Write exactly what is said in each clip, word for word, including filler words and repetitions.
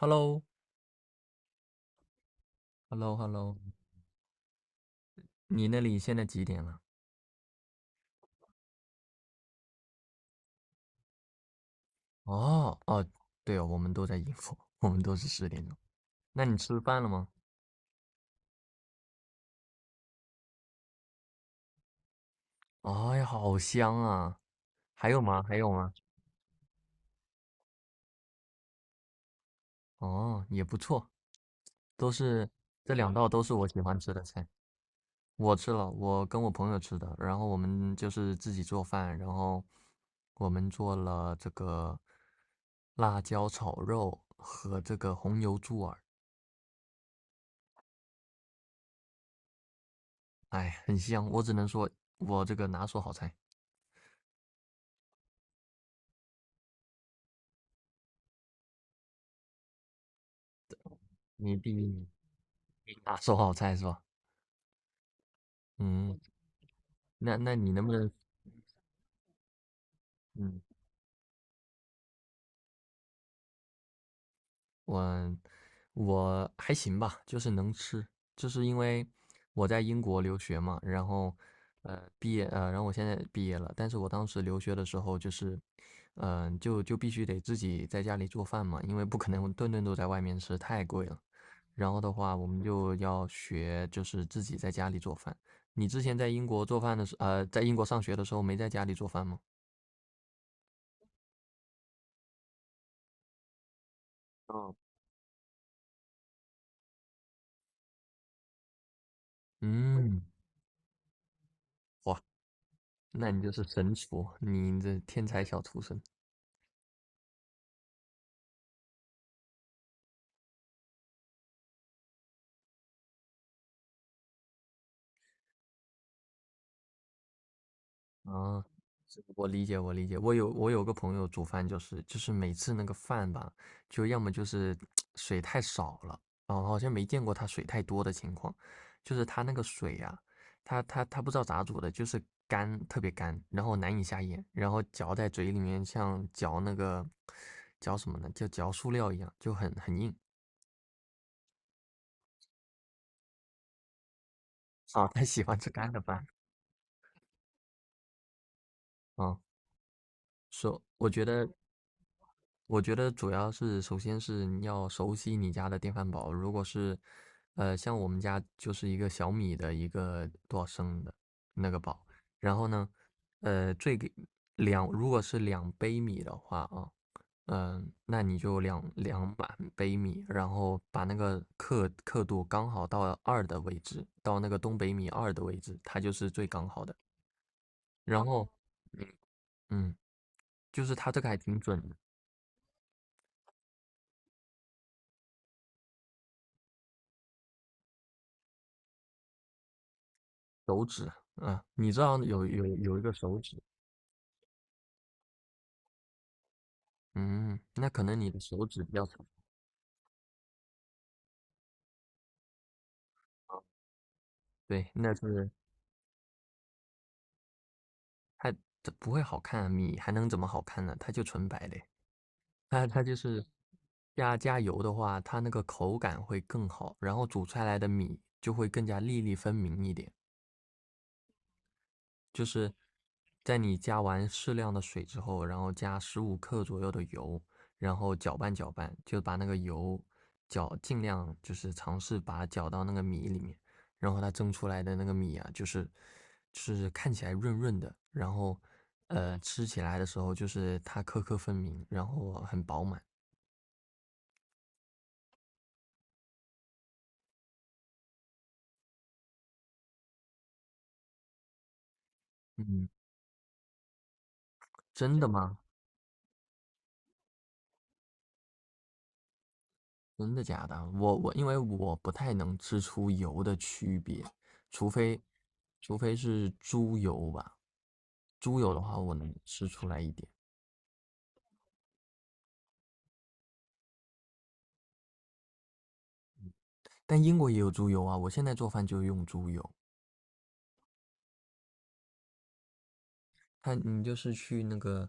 h e l l o h e l l o h e l l o 你那里现在几点了？哦哦，对哦，我们都在英国，我们都是十点钟。那你吃饭了吗？哎呀，好香啊！还有吗？还有吗？哦，也不错。都是这两道都是我喜欢吃的菜。我吃了，我跟我朋友吃的，然后我们就是自己做饭，然后我们做了这个辣椒炒肉和这个红油猪耳。哎，很香，我只能说我这个拿手好菜。你弟一拿手好菜是吧？嗯。那那你能不能？嗯，我我还行吧，就是能吃，就是因为我在英国留学嘛，然后呃毕业呃，然后我现在毕业了，但是我当时留学的时候就是，嗯、就就必须得自己在家里做饭嘛，因为不可能 顿顿都在外面吃，太贵了。然后的话，我们就要学，就是自己在家里做饭。你之前在英国做饭的时，呃，在英国上学的时候，没在家里做饭吗？嗯。嗯。哇，那你就是神厨，你这天才小厨神。啊，是我理解，我理解。我有我有个朋友煮饭，就是就是每次那个饭吧，就要么就是水太少了。哦，好像没见过他水太多的情况。就是他那个水呀、他他他不知道咋煮的，就是干，特别干，然后难以下咽，然后嚼在嘴里面像嚼那个嚼什么呢？就嚼塑料一样，就很很硬。啊，他喜欢吃干的饭。啊。说我觉得，我觉得主要是，首先是你要熟悉你家的电饭煲。如果是，呃，像我们家就是一个小米的一个多少升的那个煲，然后呢，呃，最给两如果是两杯米的话啊，嗯、那你就两两满杯米，然后把那个刻刻度刚好到二的位置，到那个东北米二的位置，它就是最刚好的。然后，嗯，就是它这个还挺准的。手指，嗯、你知道有有有一个手指。嗯，那可能你的手指比较长。对，那是它它不会好看啊，米还能怎么好看呢？它就纯白的。它它就是加加油的话，它那个口感会更好，然后煮出来的米就会更加粒粒分明一点。就是在你加完适量的水之后，然后加十五克左右的油，然后搅拌搅拌，就把那个油搅，尽量就是尝试把它搅到那个米里面，然后它蒸出来的那个米啊，就是就是看起来润润的，然后呃吃起来的时候就是它颗颗分明，然后很饱满。嗯，真的吗？真的假的？我我因为我不太能吃出油的区别，除非除非是猪油吧。猪油的话，我能吃出来一点。但英国也有猪油啊，我现在做饭就用猪油。它你就是去那个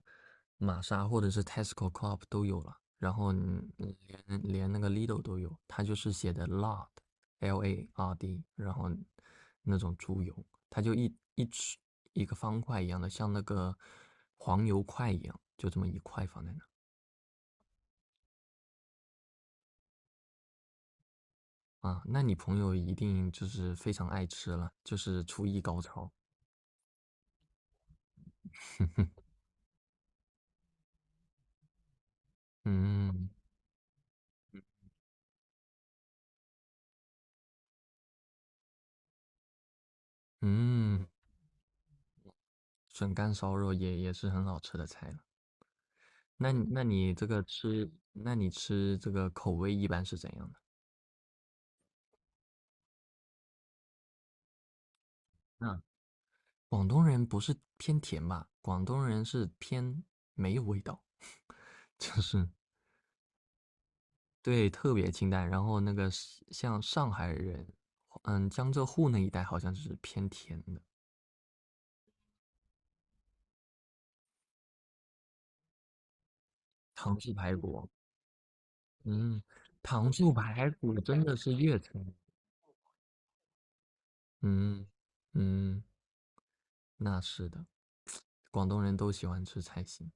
玛莎或者是 Tesco、Coop 都有了，然后你你连连那个 Lidl 都有。它就是写的 lard，L A R D，然后那种猪油，它就一一吃一个方块一样的，像那个黄油块一样，就这么一块放在那。啊。那你朋友一定就是非常爱吃了，就是厨艺高超。嗯嗯。笋干烧肉也也是很好吃的菜了。那你那你这个吃，那你吃这个口味一般是怎样的？那广东人不是偏甜吧？广东人是偏没有味道。就是对，特别清淡。然后那个是像上海人，嗯，江浙沪那一带好像是偏甜的。糖醋排骨，嗯。糖醋排骨真的是粤菜。嗯嗯，那是的，广东人都喜欢吃菜心。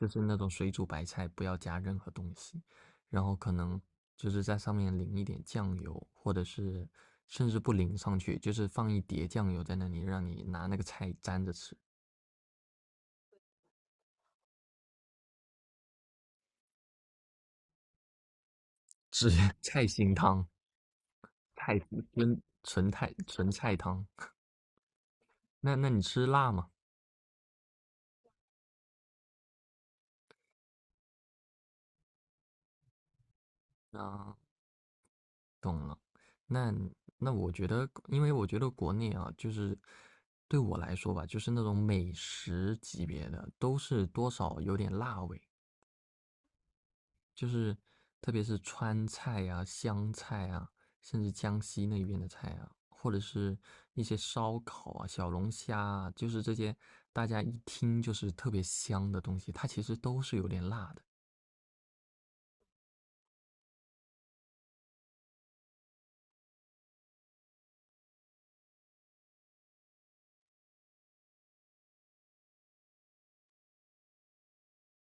就是那种水煮白菜，不要加任何东西，然后可能就是在上面淋一点酱油，或者是甚至不淋上去，就是放一碟酱油在那里，让你拿那个菜沾着吃。是 菜心汤。菜纯纯菜纯菜汤。那那你吃辣吗？啊，懂了。那那我觉得，因为我觉得国内啊，就是对我来说吧，就是那种美食级别的，都是多少有点辣味。就是特别是川菜啊、湘菜啊，甚至江西那边的菜啊，或者是一些烧烤啊、小龙虾啊，就是这些大家一听就是特别香的东西，它其实都是有点辣的。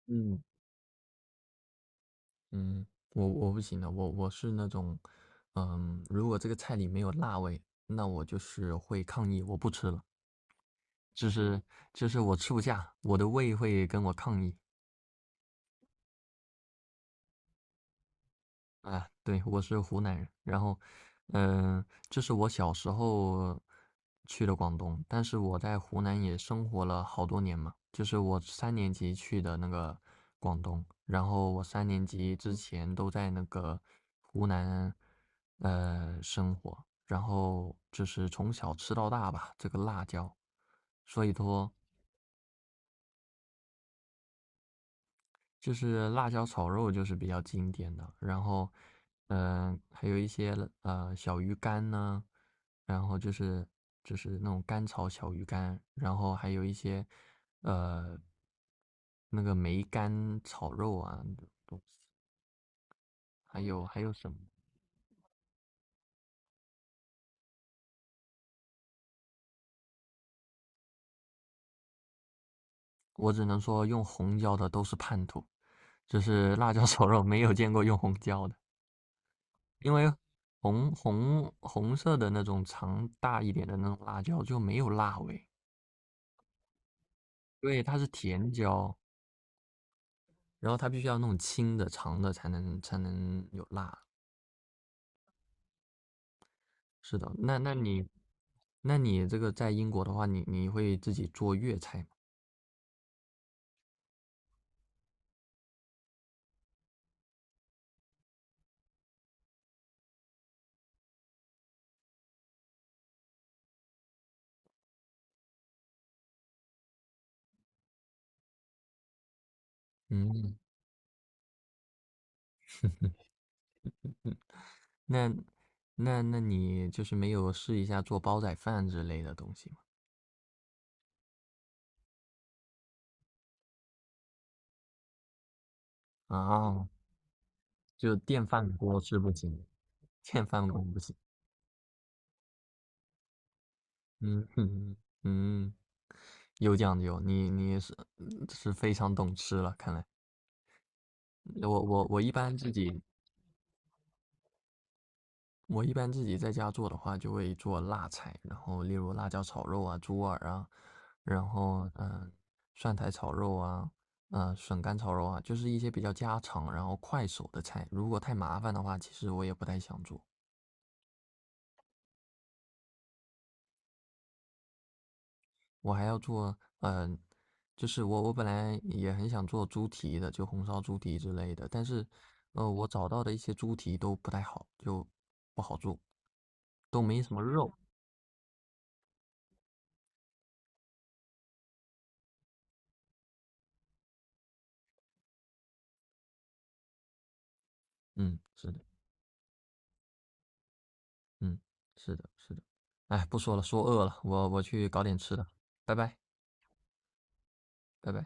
嗯。嗯，我我不行的，我我是那种，嗯，如果这个菜里没有辣味，那我就是会抗议，我不吃了。就是就是我吃不下，我的胃会跟我抗议。啊，对，我是湖南人。然后，嗯、这是我小时候去的广东，但是我在湖南也生活了好多年嘛，就是我三年级去的那个广东，然后我三年级之前都在那个湖南，呃，生活。然后就是从小吃到大吧，这个辣椒，所以说就是辣椒炒肉就是比较经典的。然后，嗯、还有一些呃小鱼干呢，然后就是就是那种干炒小鱼干，然后还有一些呃那个梅干炒肉啊。还有还有什么？我只能说用红椒的都是叛徒，就是辣椒炒肉没有见过用红椒的。因为红红红色的那种长大一点的那种辣椒就没有辣味。对，它是甜椒，然后它必须要弄青的、长的才能才能有辣。是的。那那你那你这个在英国的话，你你会自己做粤菜吗？嗯。那那那你就是没有试一下做煲仔饭之类的东西吗？啊，就电饭锅是不行，电饭锅不行。嗯嗯嗯，有讲究，你你是嗯是非常懂吃了，看来。我我我一般自己。我一般自己在家做的话，就会做辣菜，然后例如辣椒炒肉啊、猪耳啊，然后嗯、呃蒜苔炒肉啊，嗯，笋干炒肉啊，就是一些比较家常，然后快手的菜。如果太麻烦的话，其实我也不太想做。我还要做。嗯、呃就是我我本来也很想做猪蹄的，就红烧猪蹄之类的。但是，呃，我找到的一些猪蹄都不太好，就不好做，都没什么肉。嗯，是的。嗯，是的，是的。哎，不说了，说饿了，我我去搞点吃的，拜拜。拜拜。